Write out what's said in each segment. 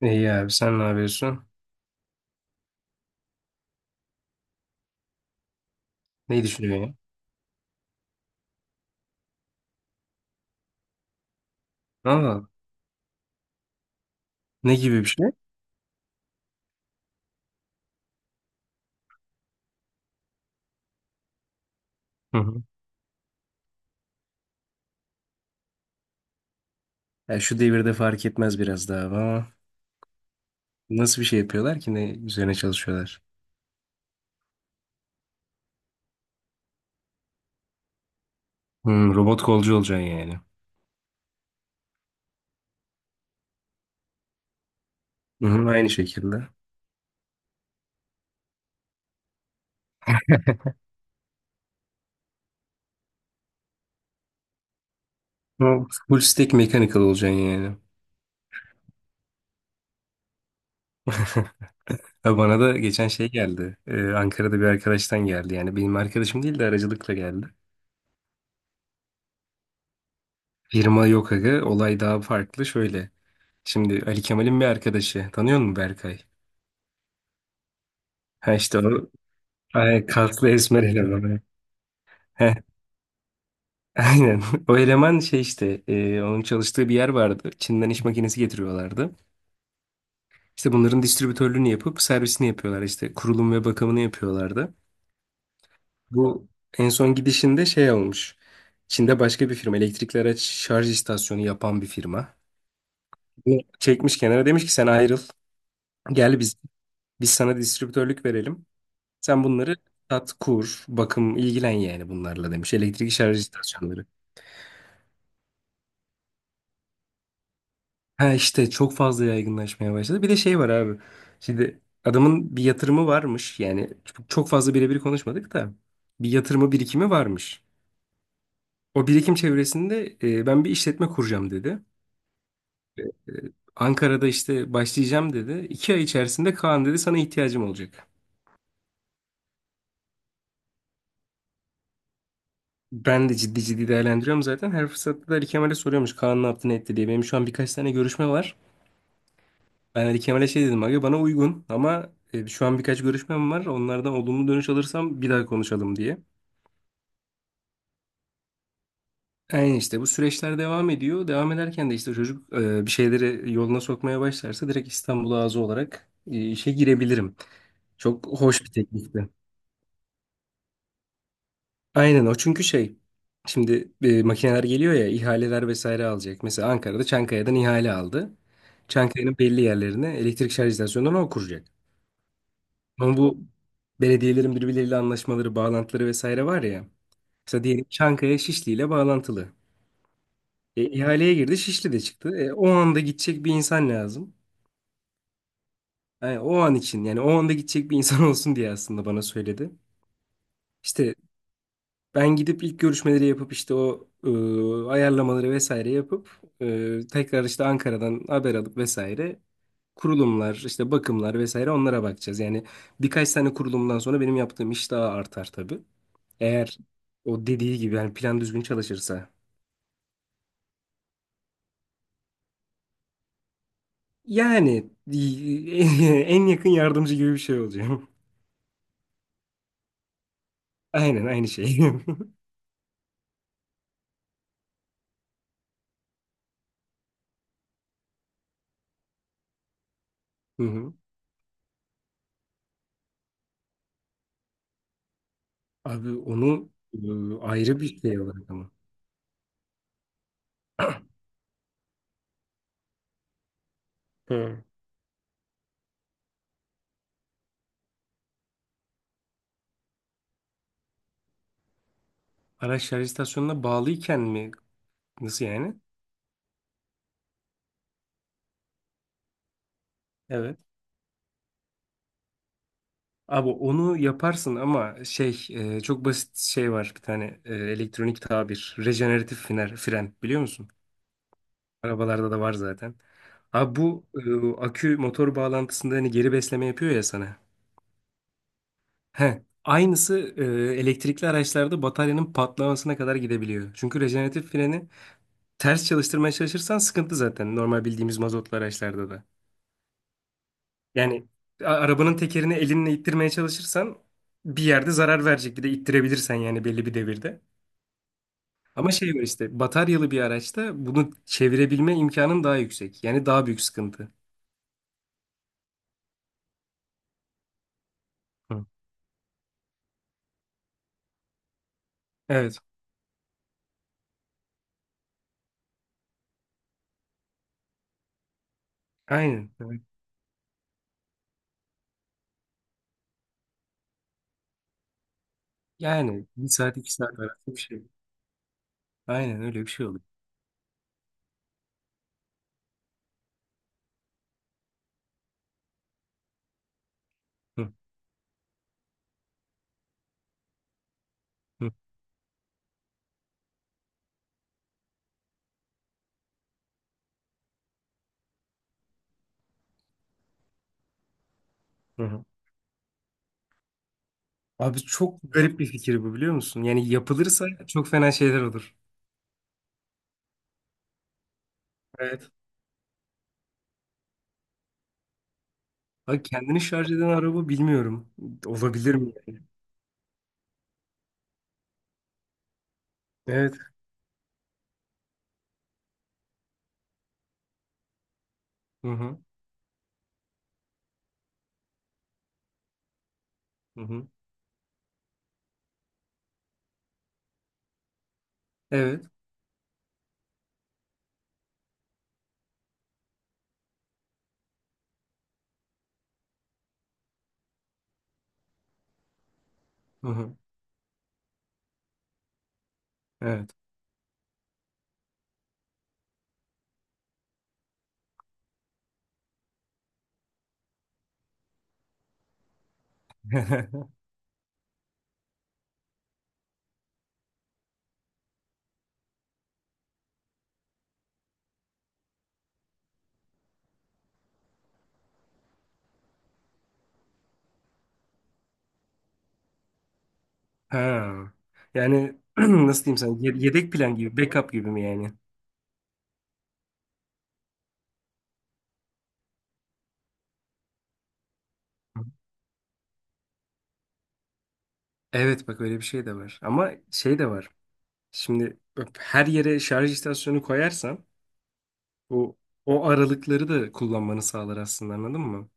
İyi abi sen ne yapıyorsun? Neyi düşünüyorsun ya? Aa, ne gibi bir şey? Hı hı. Ya şu devirde fark etmez biraz daha ama nasıl bir şey yapıyorlar ki ne üzerine çalışıyorlar? Hmm, robot kolcu olacaksın yani. Hı hı, aynı şekilde. Ama full stack mechanical olacaksın yani. Ha, bana da geçen şey geldi. Ankara'da bir arkadaştan geldi. Yani benim arkadaşım değil de aracılıkla geldi. Firma yok aga. Olay daha farklı. Şöyle. Şimdi Ali Kemal'in bir arkadaşı. Tanıyor musun Berkay? Ha işte o ay, kaslı esmer eleman. Heh, aynen. O eleman şey işte onun çalıştığı bir yer vardı. Çin'den iş makinesi getiriyorlardı. İşte bunların distribütörlüğünü yapıp servisini yapıyorlar işte kurulum ve bakımını yapıyorlardı. Bu en son gidişinde şey olmuş. Çin'de başka bir firma elektrikli araç şarj istasyonu yapan bir firma. Bunu çekmiş kenara demiş ki sen ayrıl. Gel biz sana distribütörlük verelim. Sen bunları sat, kur, bakım ilgilen yani bunlarla demiş. Elektrikli şarj istasyonları. Ha işte çok fazla yaygınlaşmaya başladı. Bir de şey var abi. Şimdi adamın bir yatırımı varmış. Yani çok çok fazla birebir konuşmadık da bir yatırımı birikimi varmış. O birikim çevresinde ben bir işletme kuracağım dedi. E, Ankara'da işte başlayacağım dedi. İki ay içerisinde Kaan dedi sana ihtiyacım olacak. Ben de ciddi ciddi değerlendiriyorum zaten. Her fırsatta da Ali Kemal'e soruyormuş Kaan ne yaptı ne etti diye. Benim şu an birkaç tane görüşme var. Ben Ali Kemal'e şey dedim abi bana uygun ama şu an birkaç görüşmem var. Onlardan olumlu dönüş alırsam bir daha konuşalım diye. Yani işte bu süreçler devam ediyor. Devam ederken de işte çocuk bir şeyleri yoluna sokmaya başlarsa direkt İstanbul ağzı olarak işe girebilirim. Çok hoş bir teklifti. Aynen o çünkü şey şimdi makineler geliyor ya ihaleler vesaire alacak. Mesela Ankara'da Çankaya'dan ihale aldı. Çankaya'nın belli yerlerine elektrik şarj istasyonlarını o kuracak. Ama bu belediyelerin birbirleriyle anlaşmaları, bağlantıları vesaire var ya. Mesela diyelim Çankaya Şişli ile bağlantılı. İhaleye girdi Şişli de çıktı. O anda gidecek bir insan lazım. Yani o an için yani o anda gidecek bir insan olsun diye aslında bana söyledi. İşte ben gidip ilk görüşmeleri yapıp işte o ayarlamaları vesaire yapıp tekrar işte Ankara'dan haber alıp vesaire kurulumlar işte bakımlar vesaire onlara bakacağız. Yani birkaç tane kurulumdan sonra benim yaptığım iş daha artar tabii. Eğer o dediği gibi yani plan düzgün çalışırsa. Yani en yakın yardımcı gibi bir şey olacağım. Aynen aynı şey. Hı hı. Abi onu ayrı bir şey olarak ama. Hı. Araç şarj istasyonuna bağlıyken mi? Nasıl yani? Evet. Abi onu yaparsın ama şey çok basit şey var bir tane elektronik tabir. Rejeneratif fren, fren biliyor musun? Arabalarda da var zaten. Abi bu akü motor bağlantısında hani geri besleme yapıyor ya sana. He. Aynısı elektrikli araçlarda bataryanın patlamasına kadar gidebiliyor. Çünkü rejeneratif freni ters çalıştırmaya çalışırsan sıkıntı zaten normal bildiğimiz mazotlu araçlarda da. Yani arabanın tekerini elinle ittirmeye çalışırsan bir yerde zarar verecek. Bir de ittirebilirsen yani belli bir devirde. Ama şey var işte bataryalı bir araçta bunu çevirebilme imkanın daha yüksek. Yani daha büyük sıkıntı. Hı. Evet. Aynen. Evet. Yani bir saat iki saat arası bir şey. Aynen öyle bir şey oluyor. Hı, hı, hı hı. Abi çok garip bir fikir bu biliyor musun? Yani yapılırsa çok fena şeyler olur. Evet. Abi kendini şarj eden araba bilmiyorum. Olabilir mi? Evet. Hı hı. Hı hı. Evet. Hı hı. Evet. Ha. Yani nasıl diyeyim sana? Yedek plan gibi, backup gibi mi yani? Hı. Evet bak öyle bir şey de var. Ama şey de var. Şimdi bak, her yere şarj istasyonu koyarsan o o aralıkları da kullanmanı sağlar aslında anladın mı?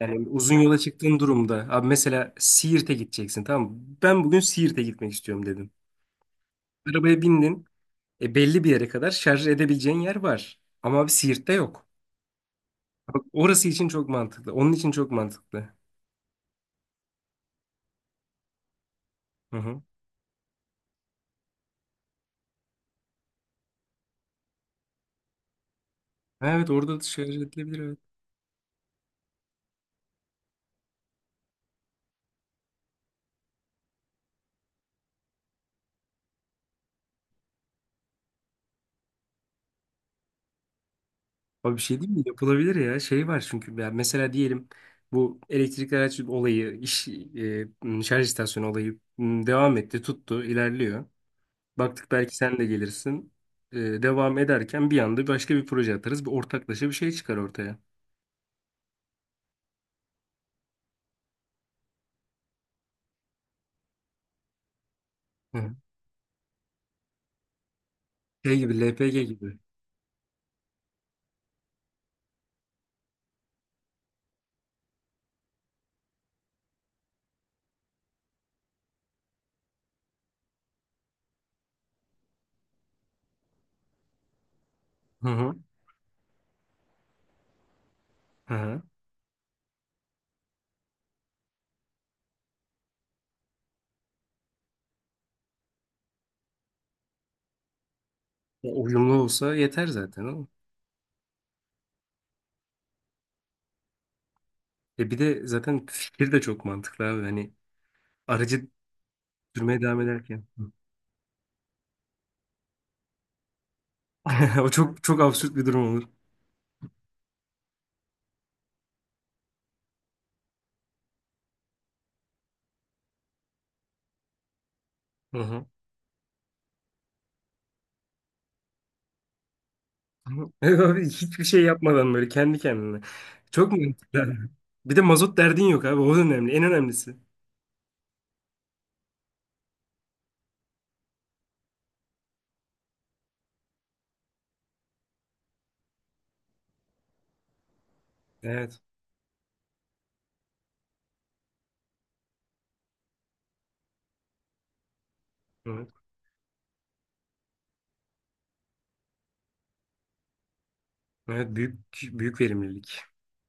Yani uzun yola çıktığın durumda abi mesela Siirt'e gideceksin tamam mı? Ben bugün Siirt'e gitmek istiyorum dedim. Arabaya bindin. Belli bir yere kadar şarj edebileceğin yer var. Ama abi Siirt'te yok. Bak, orası için çok mantıklı. Onun için çok mantıklı. Hı hı. Ha, evet orada da şarj edilebilir evet. Abi bir şey değil mi? Yapılabilir ya. Şey var çünkü ya mesela diyelim bu elektrikli araç olayı, iş şarj istasyonu olayı devam etti, tuttu, ilerliyor. Baktık belki sen de gelirsin. Devam ederken bir anda başka bir proje atarız. Bir ortaklaşa bir şey çıkar ortaya. Hı hı. Şey gibi LPG gibi. Hı hı. Hı hı. Ya, uyumlu olsa yeter zaten ama. E bir de zaten fikir de çok mantıklı abi. Hani aracı sürmeye devam ederken. O çok çok absürt bir durum olur. Hı hı. Evet abi hiçbir şey yapmadan böyle kendi kendine. Çok mantıklı. Bir de mazot derdin yok abi. O da önemli. En önemlisi. Evet. Evet. Evet büyük büyük verimlilik.